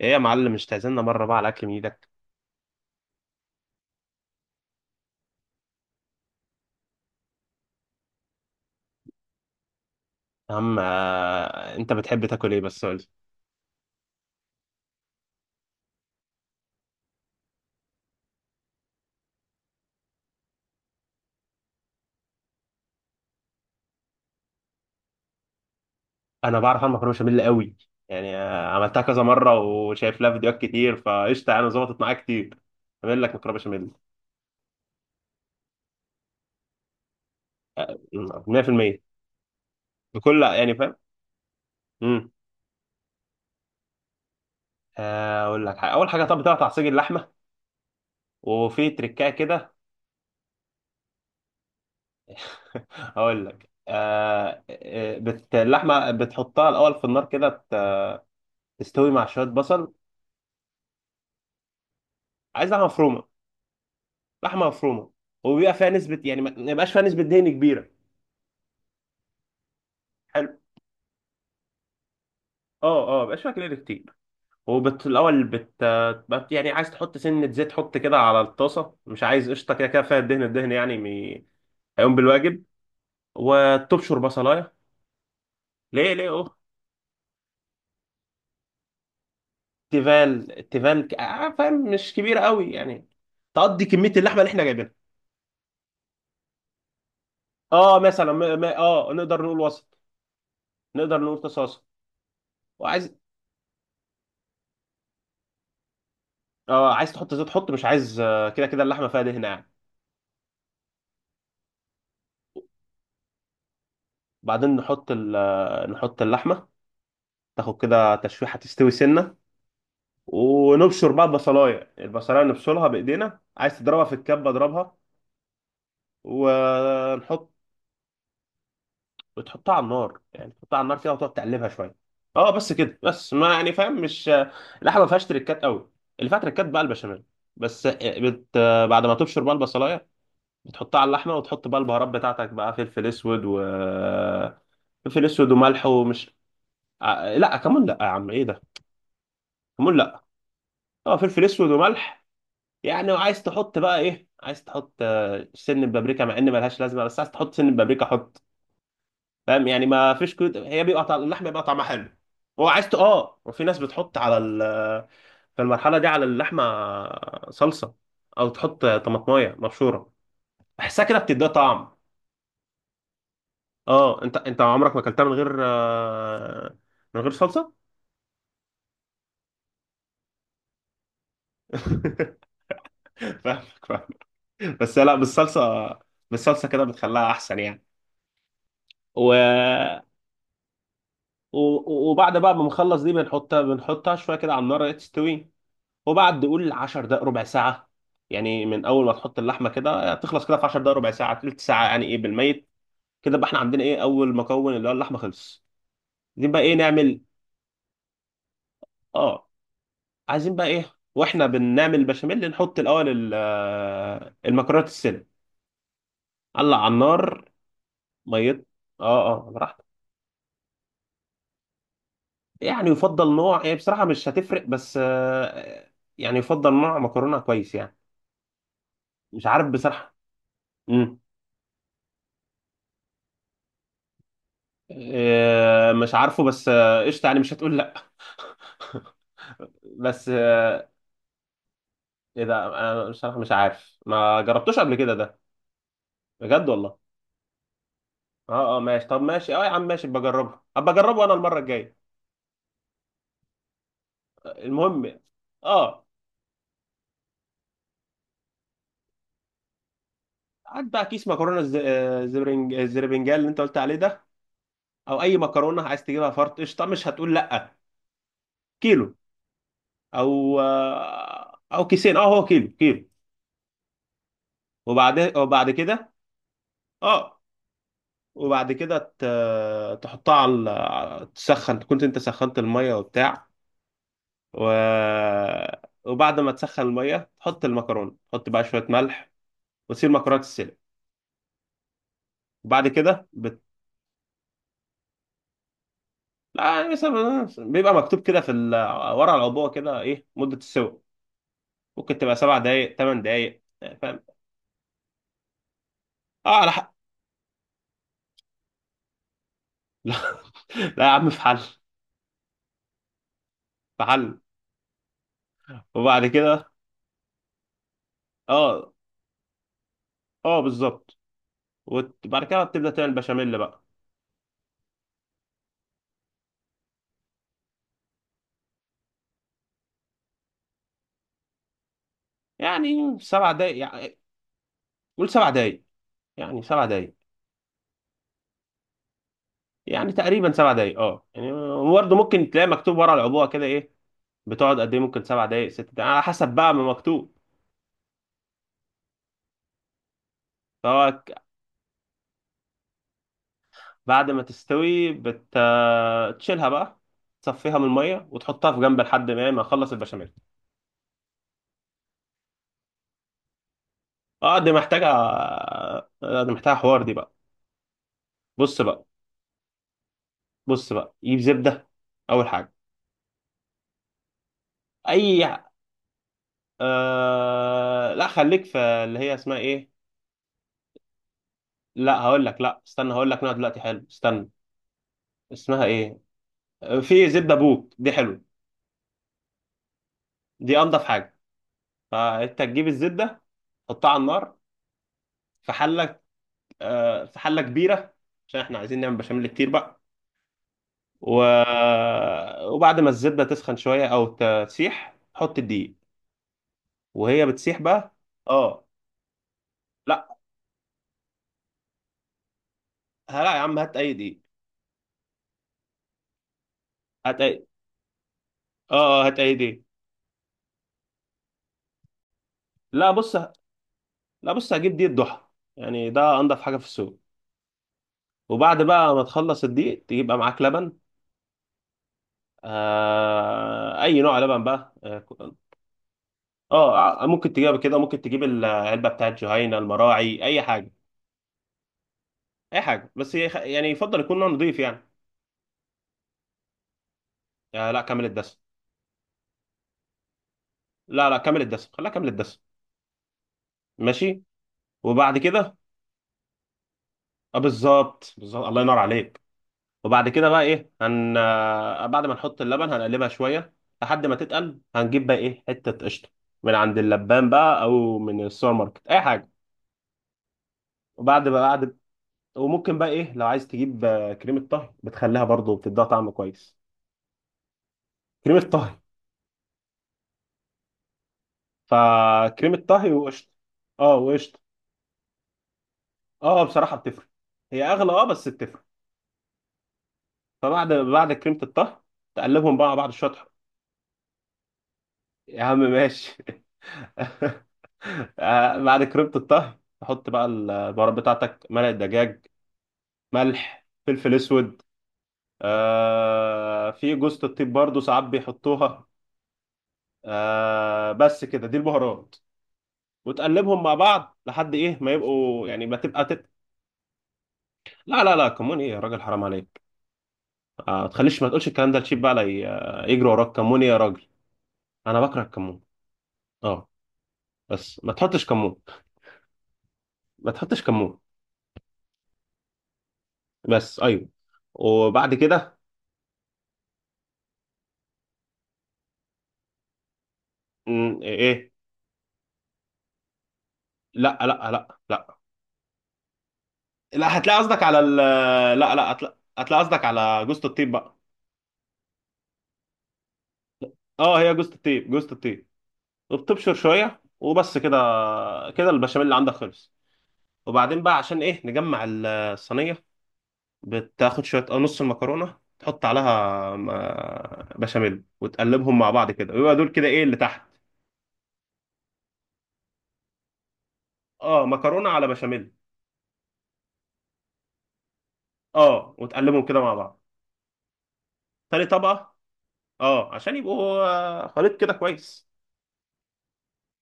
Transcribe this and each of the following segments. ايه يا معلم، مش تعزمنا مره بقى على اكل من ايدك؟ يا عم انت بتحب تاكل ايه؟ بس قول لي. انا بعرف اعمل مكرونه بشاميل قوي. يعني عملتها كذا مره وشايف لها فيديوهات كتير، فقشطه انا ظبطت معايا كتير. اعمل لك مكرونه بشاميل. 100%. بكل يعني فاهم. امم اقول لك حاجه. اول حاجه، طب بتقطع تعصيج اللحمه، وفي تركايه كده. اقول لك. اللحمه بتحطها الاول في النار كده تستوي مع شويه بصل. عايز لحمه مفرومه. لحمه مفرومه، وبيبقى فيها نسبه، يعني ما يبقاش فيها نسبه دهن كبيره. حلو. اه اه، ما يبقاش فيها كلور كتير. الاول، بت... بت يعني عايز تحط سنه زيت. حط كده على الطاسه، مش عايز قشطه. كده كده فيها الدهن، يعني هيقوم بالواجب. وتبشر بصلايه. ليه ليه، اوه. تيفال، تيفال، فاهم، مش كبيره قوي، يعني تقضي كميه اللحمه اللي احنا جايبينها. اه مثلا، ما... ما... اه نقدر نقول وسط. نقدر نقول تصاصه. وعايز، اه عايز تحط زيت. حط، مش عايز، كده كده اللحمه فيها دهن يعني. بعدين نحط نحط اللحمه. تاخد كده تشويحه، تستوي سنه. ونبشر بقى البصلايه. البصلايه نبشرها بايدينا، عايز تضربها في الكبه اضربها ونحط. وتحطها على النار، يعني تحطها على النار كده وتقعد تقلبها شويه. اه بس كده. بس ما، يعني فاهم، مش اللحمه ما فيهاش تريكات قوي، اللي فيها تريكات بقى البشاميل. بس بت... بعد ما تبشر بقى البصلايه، بتحطها على اللحمه وتحط بقى البهارات بتاعتك، بقى فلفل اسود. و فلفل اسود وملح، ومش لا، كمون لا يا عم، ايه ده؟ كمون لا. اه، فلفل اسود وملح. يعني وعايز تحط بقى ايه، عايز تحط سن بابريكا، مع ان ملهاش لازمه، بس عايز تحط سن بابريكا حط. فاهم؟ يعني ما فيش كود، هي بيبقى طعم اللحمه بيبقى طعمها حلو. وعايز اه، وفي ناس بتحط على في المرحله دي على اللحمه صلصه، او تحط طماطمايه مبشوره. بحسها كده بتديها طعم. اه، انت عمرك ما اكلتها من غير من غير صلصه؟ فاهمك فاهم. بس لا، بالصلصه، بالصلصه كده بتخليها احسن يعني. و وبعد بقى ما نخلص دي، بنحطها شويه كده على النار تستوي. وبعد قول 10 دقائق، ربع ساعه. يعني من اول ما تحط اللحمه كده تخلص كده في 10 دقائق، ربع ساعه، تلت ساعه، يعني ايه بالميت. كده بقى احنا عندنا ايه؟ اول مكون، اللي هو اللحمه، خلص. عايزين بقى ايه نعمل؟ اه. عايزين بقى ايه؟ واحنا بنعمل البشاميل، نحط الاول المكرونه السلق. قلع على النار. ميت. اه اه، براحتك. يعني يفضل نوع، هي بصراحه مش هتفرق، بس يعني يفضل نوع مكرونه كويس يعني. مش عارف بصراحه. امم إيه مش عارفه، بس قشطه يعني مش هتقول لا. بس ايه ده، انا بصراحه مش عارف، ما جربتوش قبل كده ده. بجد والله. اه اه ماشي، طب ماشي، اه يا عم ماشي، بجربه، ابقى اجربه انا المره الجايه. المهم، اه. هات بقى كيس مكرونه، زبرنج، الزربنجال اللي انت قلت عليه ده، او اي مكرونه عايز تجيبها، فرط، قشطه مش هتقول لا. كيلو. او كيسين. اه هو كيلو كيلو. وبعد كده، اه. وبعد كده تحطها على تسخن، كنت انت سخنت الميه وبتاع. و... وبعد ما تسخن الميه تحط المكرونه، تحط بقى شويه ملح، وتسيب المكرونه تتسلق. وبعد كده لا، مثلا بيبقى مكتوب كده في ورا العبوه كده ايه مده السوق. ممكن تبقى 7 دقائق، 8 دقائق. فاهم. اه على حق. لا، لا يا عم، في حل. في حل. وبعد كده، اه اه بالظبط. وبعد كده بتبدا تعمل بشاميل بقى. يعني 7 دقائق يعني. قول 7 دقايق، يعني 7 دقايق، يعني تقريبا 7 دقايق، اه يعني. برضه ممكن تلاقي مكتوب ورا العبوه كده ايه، بتقعد قد ايه، ممكن 7 دقايق، 6 دقايق، على حسب بقى ما مكتوب. فهو ك- بعد ما تستوي تشيلها بقى، تصفيها من الميه وتحطها في جنب لحد ما اخلص البشاميل. اه دي محتاجه، دي محتاجه حوار دي بقى. بص بقى. بص بقى، جيب زبده، اول حاجه. اي، لا، خليك في اللي هي اسمها ايه. لا، هقول لك، لا استنى، هقول لك نوع دلوقتي حلو. استنى، اسمها ايه؟ في زبده بوت، دي حلوه، دي انضف حاجه. فانت تجيب الزبده، تحطها على النار في حله، في حله كبيره، عشان احنا عايزين نعمل بشاميل كتير بقى. و... وبعد ما الزبده تسخن شويه، او تسيح، حط الدقيق وهي بتسيح بقى. اه. لا لا يا عم، هات اي دقيق. هات اي. اه، هات اي دقيق. لا بص. لا بص، هجيب دقيق ضحى، يعني ده انضف حاجه في السوق. وبعد بقى ما تخلص الدقيق، تجيب بقى معاك لبن. اي نوع لبن بقى. اه ممكن تجيبها كده، ممكن تجيب العلبه بتاعت جهينه، المراعي، اي حاجه. اي حاجه، بس يعني يفضل يكون نوع نضيف يعني. لا، كامل الدسم. لا لا، كامل الدسم، خليها كامل الدسم. ماشي. وبعد كده، اه بالظبط بالظبط، الله ينور عليك. وبعد كده بقى ايه، هن آه، بعد ما نحط اللبن هنقلبها شويه لحد ما تتقل. هنجيب بقى ايه حته قشطه، من عند اللبان بقى، او من السوبر ماركت، اي حاجه. وبعد بقى بعد وممكن بقى ايه، لو عايز تجيب كريمه طهي، بتخليها برضو، بتديها طعم كويس. كريمه طهي، فكريمة طهي وقشطة. اه وقشطة. اه، بصراحة بتفرق، هي أغلى، اه بس بتفرق. فبعد كريمة الطهي، تقلبهم بقى مع بعض شطح. يا عم ماشي. بعد كريمة الطهي، تحط بقى البهارات بتاعتك، مرق دجاج، ملح، فلفل أسود. في جوزة الطيب برضو ساعات بيحطوها. بس كده دي البهارات. وتقلبهم مع بعض لحد ايه ما يبقوا، يعني ما تبقى. لا لا لا، كمون ايه يا راجل؟ حرام عليك. ما تخليش، ما تقولش الكلام ده لشيب بقى، لا يجري وراك، كمون ايه يا راجل؟ انا بكره الكمون. اه. بس ما تحطش كمون. ما تحطش كمون. بس ايوه. وبعد كده، ايه. لا لا لا لا. لا، هتلاقي قصدك على ال، لا لا هتلاقي قصدك على جوزة الطيب بقى. اه، هي جوزة الطيب، جوزة الطيب، وبتبشر شوية، وبس كده. كده البشاميل اللي عندك خلص. وبعدين بقى عشان ايه، نجمع الصينية. بتاخد شوية، نص المكرونة، تحط عليها بشاميل، وتقلبهم مع بعض كده، ويبقى دول كده ايه اللي تحت. اه مكرونة على بشاميل. اه، وتقلبهم كده مع بعض. تاني طبقة. اه، عشان يبقوا خليط كده كويس.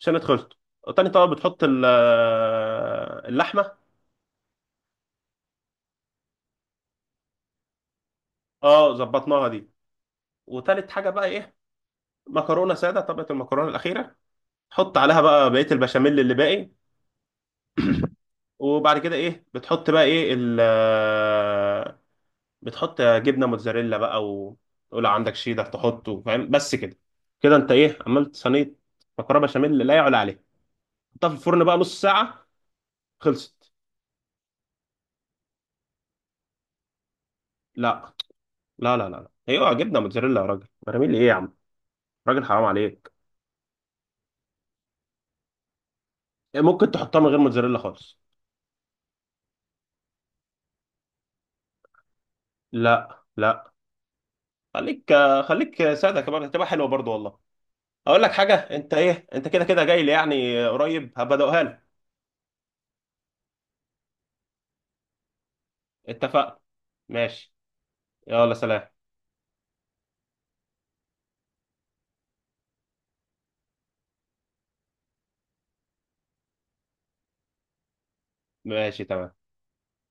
عشان اتخلطوا، تاني طبقة بتحط اللحمة. اه ظبطناها دي. وتالت حاجة بقى ايه، مكرونة سادة، طبقة المكرونة الأخيرة، تحط عليها بقى بقية البشاميل اللي باقي. وبعد كده ايه، بتحط بقى ايه بتحط جبنه موتزاريلا بقى، وتقول عندك شيدر تحطه فاهم. بس كده، كده انت ايه؟ عملت صينيه مكرونه بشاميل لا يعلى عليها. حطها في الفرن بقى نص ساعه، خلصت. لا لا لا لا لا. هي اوعى جبنه موتزاريلا يا راجل، براميل ايه يا عم؟ راجل حرام عليك. يعني ممكن تحطها من غير موتزاريلا خالص. لا لا. خليك. خليك ساده كمان، هتبقى حلوه برضو والله. اقول لك حاجه، انت ايه انت، كده كده جاي لي يعني قريب، هبدأها لك. اتفقنا. ماشي. يلا سلام. ماشي تمام.